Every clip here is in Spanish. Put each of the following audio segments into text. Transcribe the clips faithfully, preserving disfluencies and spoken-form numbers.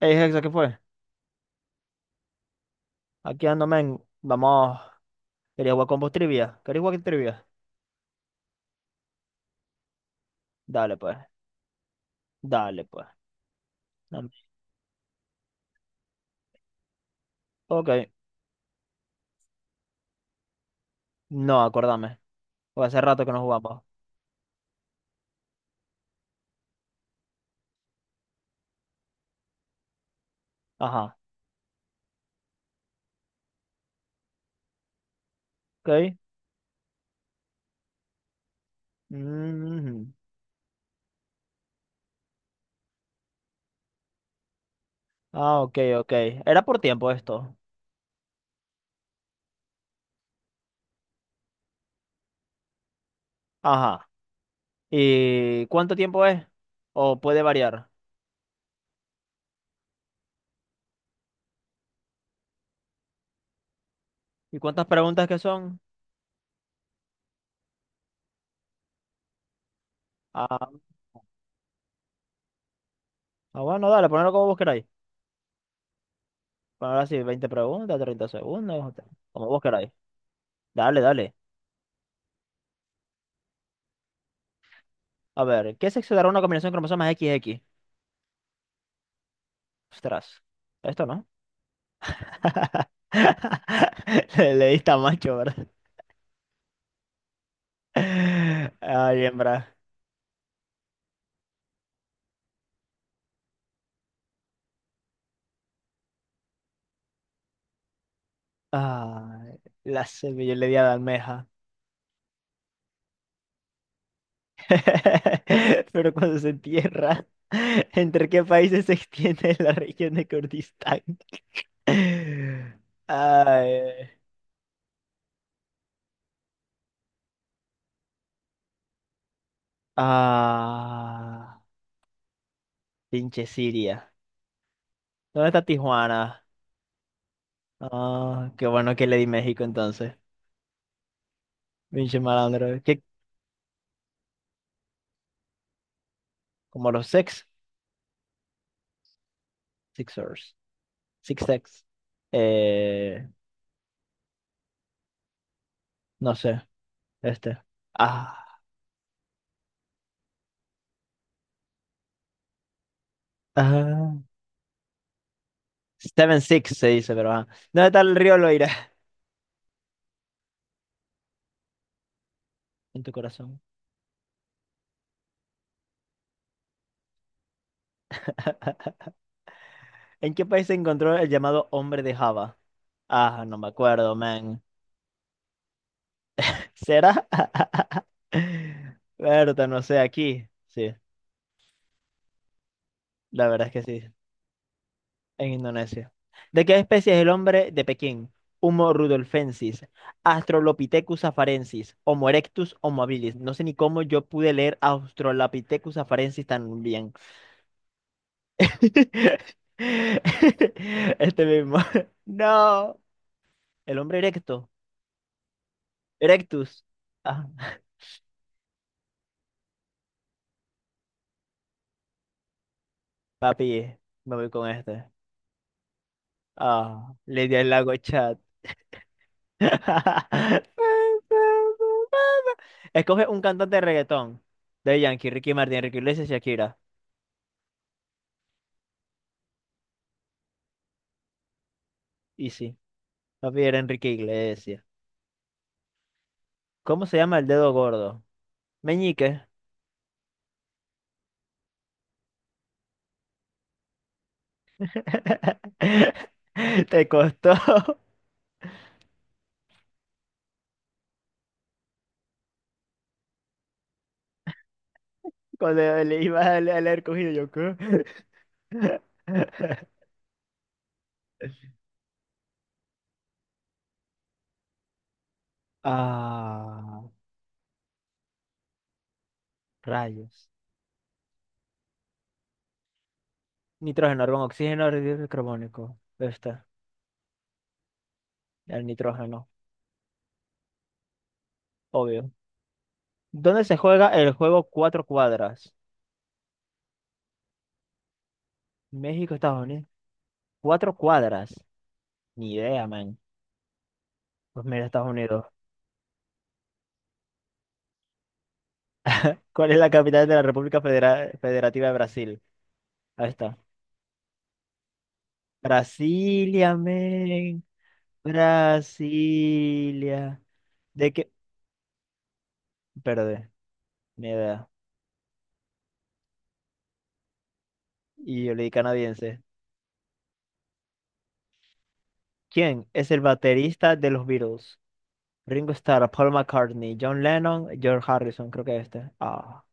Ey, Hexa, ¿qué fue? Aquí ando, men. Vamos. Quería jugar con vos trivia. ¿Queréis jugar trivia? Dale, pues. Dale, pues. Dame. Ok. No, acordame. Porque hace rato que no jugamos. Ajá. Ok. Mhm. Ah, ok, ok. Era por tiempo esto. Ajá. ¿Y cuánto tiempo es? ¿O puede variar? ¿Y cuántas preguntas que son? Ah, ah, bueno, dale, ponelo como vos queráis. Poner así, veinte preguntas, treinta segundos, como vos queráis. Dale, dale. A ver, ¿qué sexo dará una combinación de cromosomas equis equis? Ostras, esto no. Le, le diste a macho, ¿verdad? Ay, hembra. Ay, la semilla le di a la almeja. Pero cuando se entierra, ¿entre qué países se extiende la región de Kurdistán? Ay. Ah, pinche Siria. ¿Dónde está Tijuana? Ah, qué bueno que le di México entonces. Pinche malandro. ¿Qué? Como los sex, Sixers. Six Sex. Eh, No sé, este. Ah, ah. Seven Six se dice, pero ah. ¿Dónde está el río Loira? En tu corazón. ¿En qué país se encontró el llamado hombre de Java? Ah, no me acuerdo, man. ¿Será? Berta, no sé, aquí. Sí, la verdad es que sí, en Indonesia. ¿De qué especie es el hombre de Pekín? Homo rudolfensis, Australopithecus afarensis, Homo erectus, Homo habilis. No sé ni cómo yo pude leer Australopithecus afarensis tan bien. Este mismo. No. El hombre erecto. Erectus. Ah, papi, me voy con este. Ah, Lidia del Lago Chat. Escoge un cantante de reggaetón. De Yankee, Ricky Martin, Enrique Iglesias, Shakira. Y sí, papi era Enrique Iglesias. ¿Cómo se llama el dedo gordo? Meñique. Te costó cuando le ibas a leer cogido yo. ¿qué? Ah, rayos. Nitrógeno, argón, oxígeno, ácido carbónico. Está, el nitrógeno, obvio. ¿Dónde se juega el juego Cuatro Cuadras? México, Estados Unidos. Cuatro Cuadras. Ni idea, man. Pues mira, Estados Unidos. ¿Cuál es la capital de la República Federa- Federativa de Brasil? Ahí está. Brasilia, man. Brasilia. ¿De qué? Perdón, ni idea. Y yo le di canadiense. ¿Quién es el baterista de los Beatles? Ringo Starr, Paul McCartney, John Lennon, George Harrison, creo que este. Ah,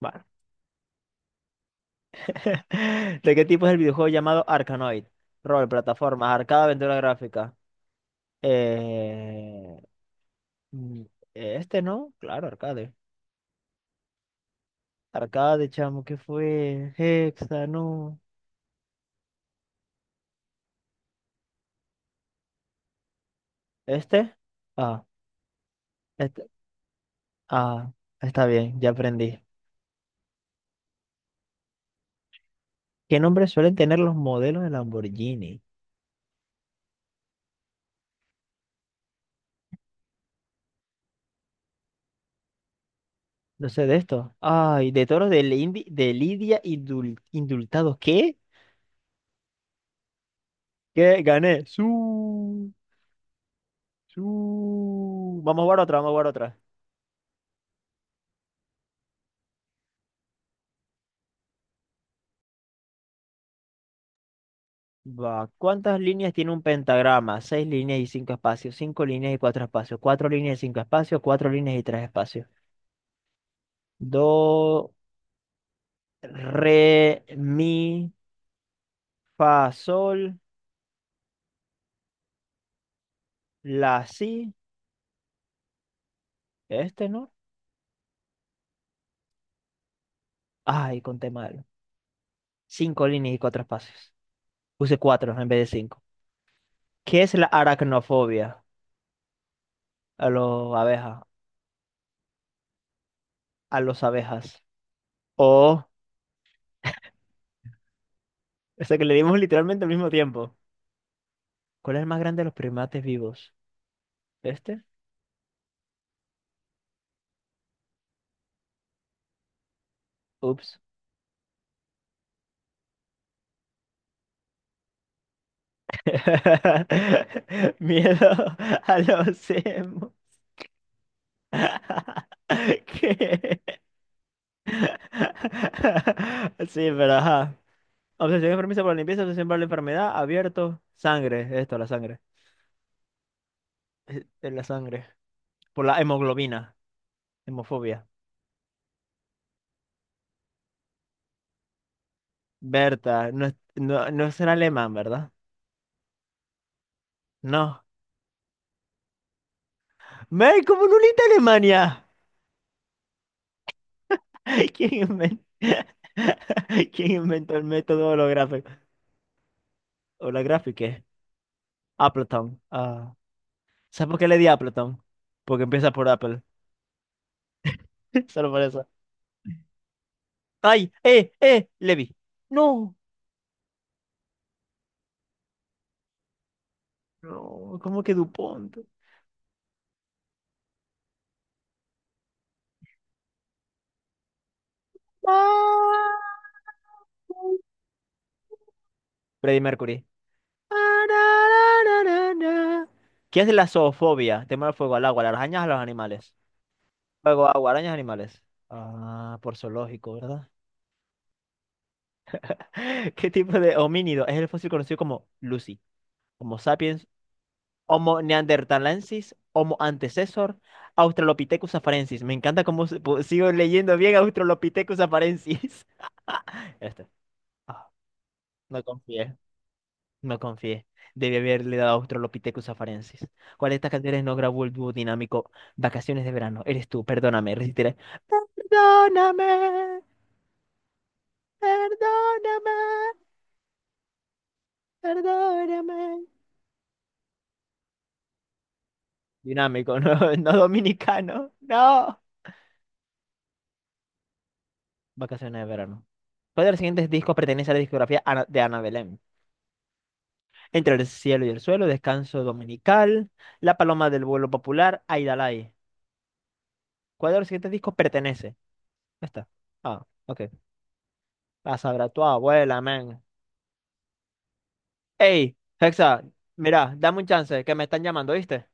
bueno. ¿De qué tipo es el videojuego llamado Arkanoid? Rol, plataforma, arcade, aventura gráfica. Eh, mm, este no, claro, arcade. Arcade, chamo, ¿qué fue? Hexa, no. ¿Este? Ah, este. Ah, está bien, ya aprendí. ¿Qué nombres suelen tener los modelos de Lamborghini? No sé de esto. Ay, de toros de, Lindi- de Lidia y dul- indultados. ¿Qué? ¿Qué? Gané. Su, su. Vamos a jugar otra, vamos a jugar otra. Va. ¿Cuántas líneas tiene un pentagrama? Seis líneas y cinco espacios. Cinco líneas y cuatro espacios. Cuatro líneas y cinco espacios. Cuatro líneas y tres espacios. Do, re, mi, fa, sol, la, si. Este, ¿no? Ay, conté mal. Cinco líneas y cuatro espacios. Puse cuatro en vez de cinco. ¿Qué es la aracnofobia? A los abejas. A los abejas. O. O sea que le dimos literalmente al mismo tiempo. ¿Cuál es el más grande de los primates vivos? ¿Este? Ups. Miedo a los emo. ¿Qué? Sí, pero ajá. Obsesión enfermiza por la limpieza, obsesión por la enfermedad, abierto, sangre, esto, la sangre. Eh, eh, La sangre. Por la hemoglobina, hemofobia. Berta, no, es- no, no será alemán, ¿verdad? No. ¡Mel, cómo no leíste Alemania! ¿Quién inventó, ¿Quién inventó el método holográfico? holográfico? Appleton. Ah, ¿Sabes por qué le di Appleton? Porque empieza por Apple. Solo por eso. ¡Ay! ¡Eh! ¡Eh! Levi. No. No, ¿cómo que DuPont? Ah, Freddie Mercury. Ararararara. ¿Qué es la zoofobia? Tema del fuego al agua, a las arañas a los animales. Fuego, agua, arañas, animales. Ah, por zoológico, ¿verdad? ¿Qué tipo de homínido es el fósil conocido como Lucy? Homo sapiens, Homo neanderthalensis, Homo antecessor, Australopithecus afarensis. Me encanta cómo se- pu- sigo leyendo bien Australopithecus afarensis. Este. Ah, no confié, no confié. Debí haberle dado Australopithecus afarensis. ¿Cuál de estas canciones no grabó el dúo dinámico Vacaciones de verano? Eres tú, perdóname, resistiré. Perdóname, perdóname, perdóname. Dinámico, no, no dominicano. No. Vacaciones de verano. ¿Cuál de los siguientes discos pertenece a la discografía Ana- de Ana Belén? Entre el cielo y el suelo, Descanso Dominical, La Paloma del Vuelo Popular, Aidalay. ¿Cuál de los siguientes discos pertenece? Ya está. Ah, ok. La sabrá tu abuela, man. Ey, Hexa, mira, dame un chance, que me están llamando, ¿viste?